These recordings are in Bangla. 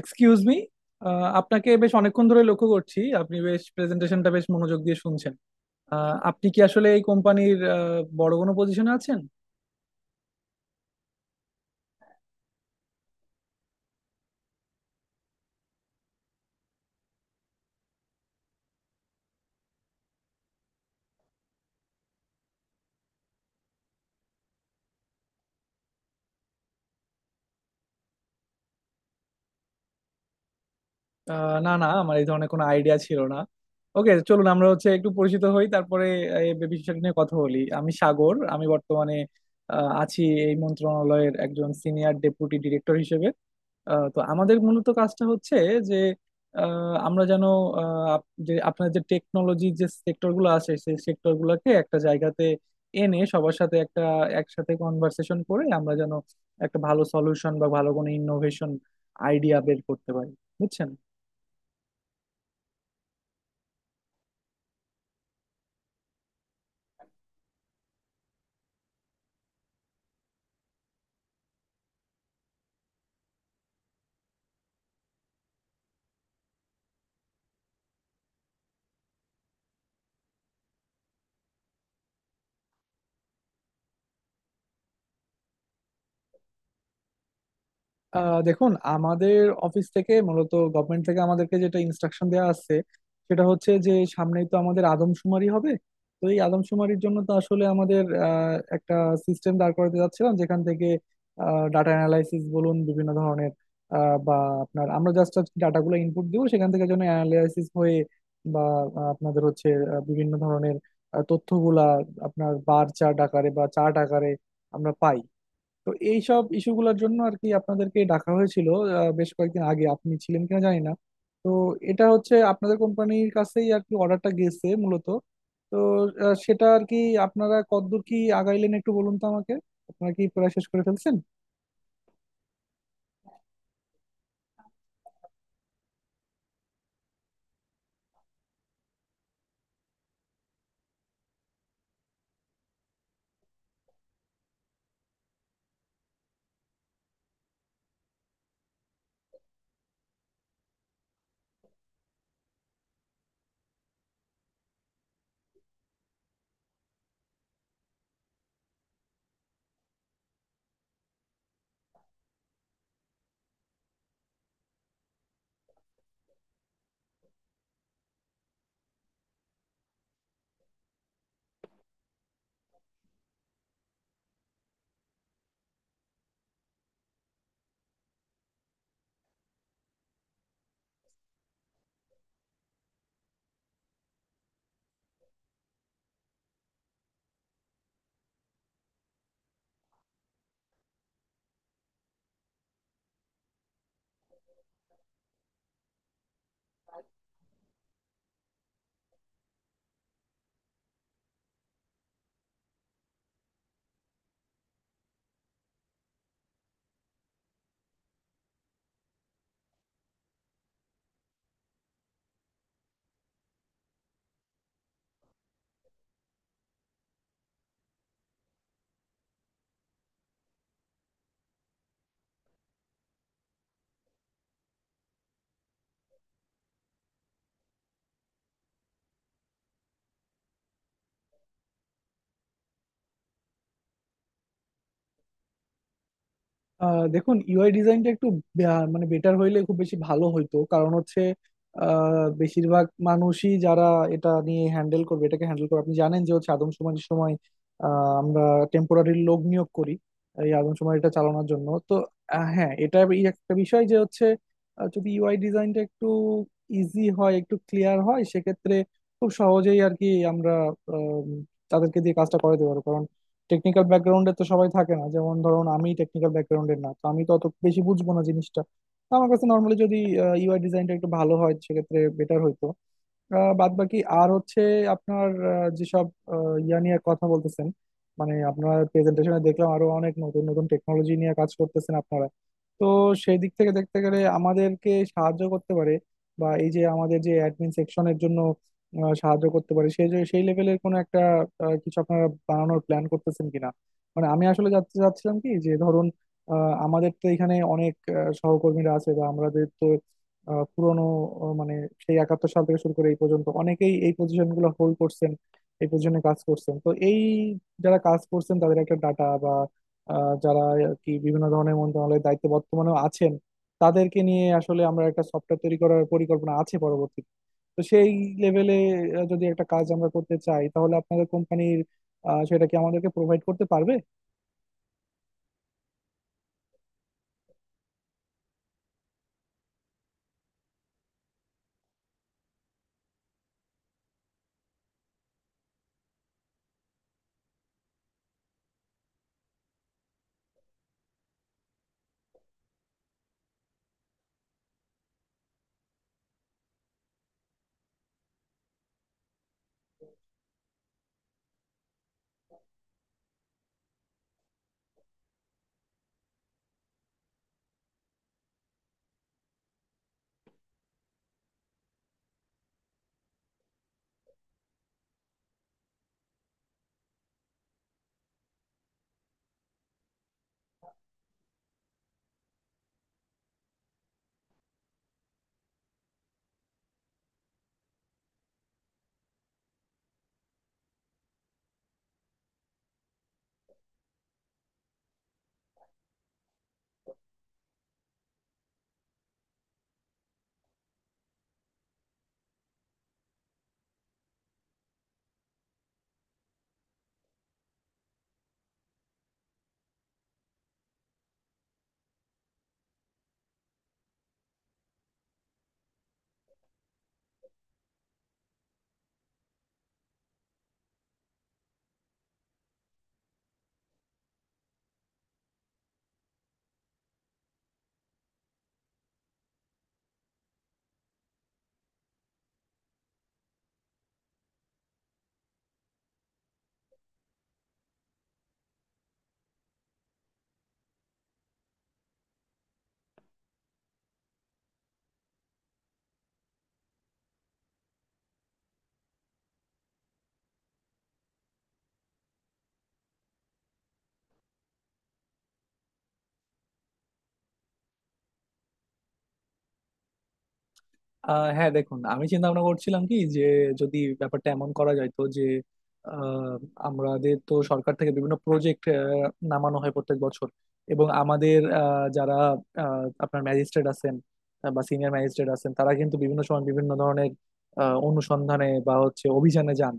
এক্সকিউজ মি, আপনাকে বেশ অনেকক্ষণ ধরে লক্ষ্য করছি। আপনি বেশ প্রেজেন্টেশনটা বেশ মনোযোগ দিয়ে শুনছেন। আপনি কি আসলে এই কোম্পানির বড় কোনো পজিশনে আছেন? না না, আমার এই ধরনের কোনো আইডিয়া ছিল না। ওকে, চলুন আমরা হচ্ছে একটু পরিচিত হই, তারপরে এই বিষয়টা নিয়ে কথা বলি। আমি সাগর, আমি বর্তমানে আছি এই মন্ত্রণালয়ের একজন সিনিয়র ডেপুটি ডিরেক্টর হিসেবে। তো আমাদের মূলত কাজটা হচ্ছে যে, আমরা যেন যে আপনার যে টেকনোলজি যে সেক্টর গুলো আছে সেই সেক্টর গুলোকে একটা জায়গাতে এনে সবার সাথে একটা একসাথে কনভার্সেশন করে আমরা যেন একটা ভালো সলিউশন বা ভালো কোনো ইনোভেশন আইডিয়া বের করতে পারি। বুঝছেন? আহ দেখুন, আমাদের অফিস থেকে মূলত গভর্নমেন্ট থেকে আমাদেরকে যেটা ইনস্ট্রাকশন দেওয়া আছে সেটা হচ্ছে যে সামনেই তো আমাদের আদমশুমারি হবে। তো এই আদমশুমারির জন্য তো আসলে আমাদের একটা সিস্টেম দাঁড় করাতে যাচ্ছিলাম যেখান থেকে ডাটা অ্যানালাইসিস বলুন, বিভিন্ন ধরনের বা আপনার, আমরা জাস্ট ডাটাগুলো ইনপুট দিব সেখান থেকে যেন অ্যানালাইসিস হয়ে, বা আপনাদের হচ্ছে বিভিন্ন ধরনের তথ্যগুলা আপনার বার চার্ট আকারে বা চার্ট আকারে আমরা পাই। তো এইসব ইস্যুগুলোর জন্য আর কি আপনাদেরকে ডাকা হয়েছিল। বেশ কয়েকদিন আগে আপনি ছিলেন কিনা জানি না। তো এটা হচ্ছে আপনাদের কোম্পানির কাছেই আর কি অর্ডারটা গেছে মূলত। তো সেটা আর কি আপনারা কতদূর কি আগাইলেন একটু বলুন তো আমাকে। আপনারা কি প্রায় শেষ করে ফেলছেন? আহ দেখুন, ইউআই ডিজাইনটা একটু বে- আহ মানে বেটার হইলে খুব বেশি ভালো হইতো, কারণ হচ্ছে বেশিরভাগ মানুষই যারা এটা নিয়ে হ্যান্ডেল করবে, এটাকে হ্যান্ডেল করবে, আপনি জানেন যে হচ্ছে আদমশুমারির সময় আমরা টেম্পোরারি লোক নিয়োগ করি এই আদমশুমারিটা চালানোর জন্য। তো হ্যাঁ, এটা এই একটা বিষয় যে হচ্ছে যদি ইউআই ডিজাইনটা একটু ইজি হয়, একটু ক্লিয়ার হয়, সেক্ষেত্রে খুব সহজেই আর কি আমরা আম, তাদেরকে দিয়ে কাজটা করাতে পারবো। টেকনিক্যাল ব্যাকগ্রাউন্ডে তো সবাই থাকে না, যেমন ধরুন আমি টেকনিক্যাল ব্যাকগ্রাউন্ডের না, তো আমি তো অত বেশি বুঝবো না জিনিসটা। তো আমার কাছে নর্মালি যদি ইউআই ডিজাইনটা একটু ভালো হয় সেক্ষেত্রে বেটার হইতো। আহ, বাদ বাকি আর হচ্ছে আপনার যেসব ইয়া নিয়ে কথা বলতেছেন, মানে আপনার প্রেজেন্টেশনে দেখলাম আরো অনেক নতুন নতুন টেকনোলজি নিয়ে কাজ করতেছেন আপনারা। তো সেই দিক থেকে দেখতে গেলে আমাদেরকে সাহায্য করতে পারে, বা এই যে আমাদের যে অ্যাডমিন সেকশনের জন্য সাহায্য করতে পারি সেই লেভেলের কোনো একটা কিছু আপনারা বানানোর প্ল্যান করতেছেন কিনা। মানে আমি আসলে জানতে চাচ্ছিলাম কি যে, ধরুন আমাদের তো এখানে অনেক সহকর্মীরা আছে, বা আমাদের তো পুরনো মানে সেই 71 সাল থেকে শুরু করে এই পর্যন্ত অনেকেই এই পজিশন গুলো হোল্ড করছেন, এই পজিশনে কাজ করছেন। তো এই যারা কাজ করছেন তাদের একটা ডাটা, বা যারা আর কি বিভিন্ন ধরনের মন্ত্রণালয়ের দায়িত্বে বর্তমানেও আছেন তাদেরকে নিয়ে আসলে আমরা একটা সফটওয়্যার তৈরি করার পরিকল্পনা আছে। তো সেই লেভেলে যদি একটা কাজ আমরা করতে চাই তাহলে আপনাদের কোম্পানির সেটা কি আমাদেরকে প্রোভাইড করতে পারবে? আহ হ্যাঁ দেখুন, আমি চিন্তা ভাবনা করছিলাম কি যে, যদি ব্যাপারটা এমন করা যায় তো যে আহ, আমাদের তো সরকার থেকে বিভিন্ন প্রজেক্ট নামানো হয় প্রত্যেক বছর, এবং আমাদের যারা আপনার ম্যাজিস্ট্রেট আছেন, বা সিনিয়র ম্যাজিস্ট্রেট আছেন, তারা কিন্তু বিভিন্ন সময় বিভিন্ন ধরনের অনুসন্ধানে বা হচ্ছে অভিযানে যান।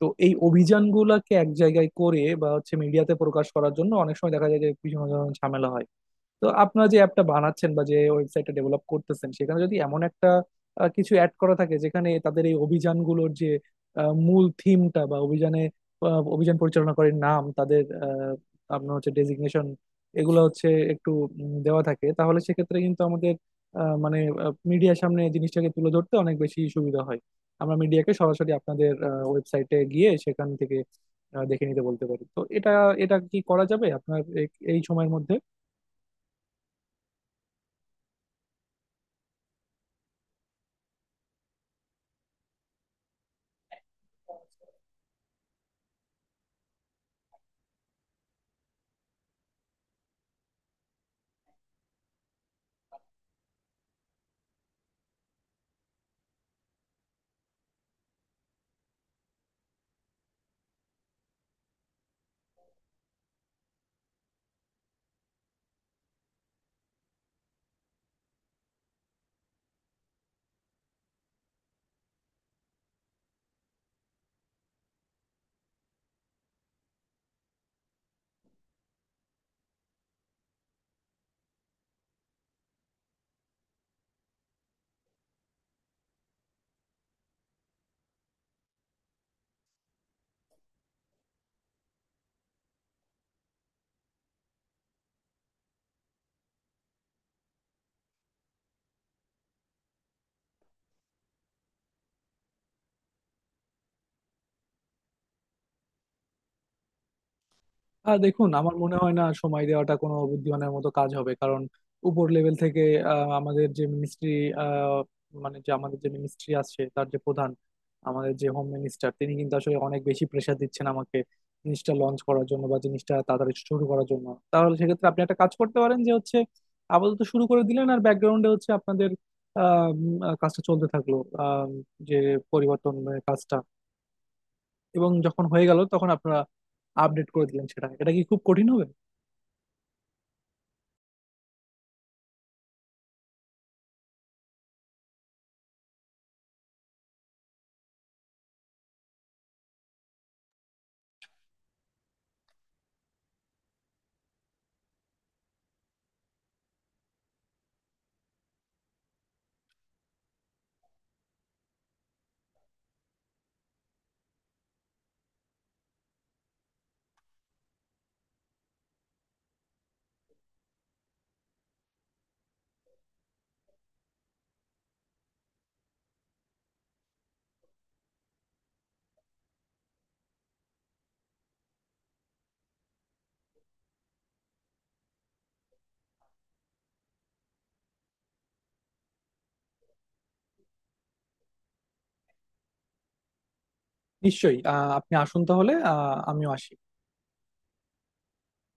তো এই অভিযানগুলোকে এক জায়গায় করে বা হচ্ছে মিডিয়াতে প্রকাশ করার জন্য অনেক সময় দেখা যায় যে বিভিন্ন ধরনের ঝামেলা হয়। তো আপনারা যে অ্যাপটা বানাচ্ছেন বা যে ওয়েবসাইটটা ডেভেলপ করতেছেন সেখানে যদি এমন একটা কিছু অ্যাড করা থাকে যেখানে তাদের এই অভিযানগুলোর যে মূল থিমটা, বা অভিযানে অভিযান পরিচালনা করে নাম তাদের আপনার হচ্ছে ডেজিগনেশন, এগুলো হচ্ছে একটু দেওয়া থাকে, তাহলে সেক্ষেত্রে কিন্তু আমাদের মানে মিডিয়ার সামনে জিনিসটাকে তুলে ধরতে অনেক বেশি সুবিধা হয়। আমরা মিডিয়াকে সরাসরি আপনাদের ওয়েবসাইটে গিয়ে সেখান থেকে দেখে নিতে বলতে পারি। তো এটা, এটা কি করা যাবে আপনার এই সময়ের মধ্যে? আর দেখুন, আমার মনে হয় না সময় দেওয়াটা কোনো বুদ্ধিমানের মতো কাজ হবে, কারণ উপর লেভেল থেকে আমাদের যে মিনিস্ট্রি, মানে যে আমাদের যে মিনিস্ট্রি আসছে তার যে প্রধান, আমাদের যে হোম মিনিস্টার, তিনি কিন্তু আসলে অনেক বেশি প্রেশার দিচ্ছেন আমাকে জিনিসটা লঞ্চ করার জন্য বা জিনিসটা তাড়াতাড়ি শুরু করার জন্য। তাহলে সেক্ষেত্রে আপনি একটা কাজ করতে পারেন যে হচ্ছে, আপাতত শুরু করে দিলেন, আর ব্যাকগ্রাউন্ডে হচ্ছে আপনাদের কাজটা চলতে থাকলো, আহ, যে পরিবর্তন কাজটা, এবং যখন হয়ে গেল তখন আপনারা আপডেট করে দিলেন সেটা। এটা কি খুব কঠিন হবে? নিশ্চয়ই। আপনি আসুন তাহলে, আমিও আসি।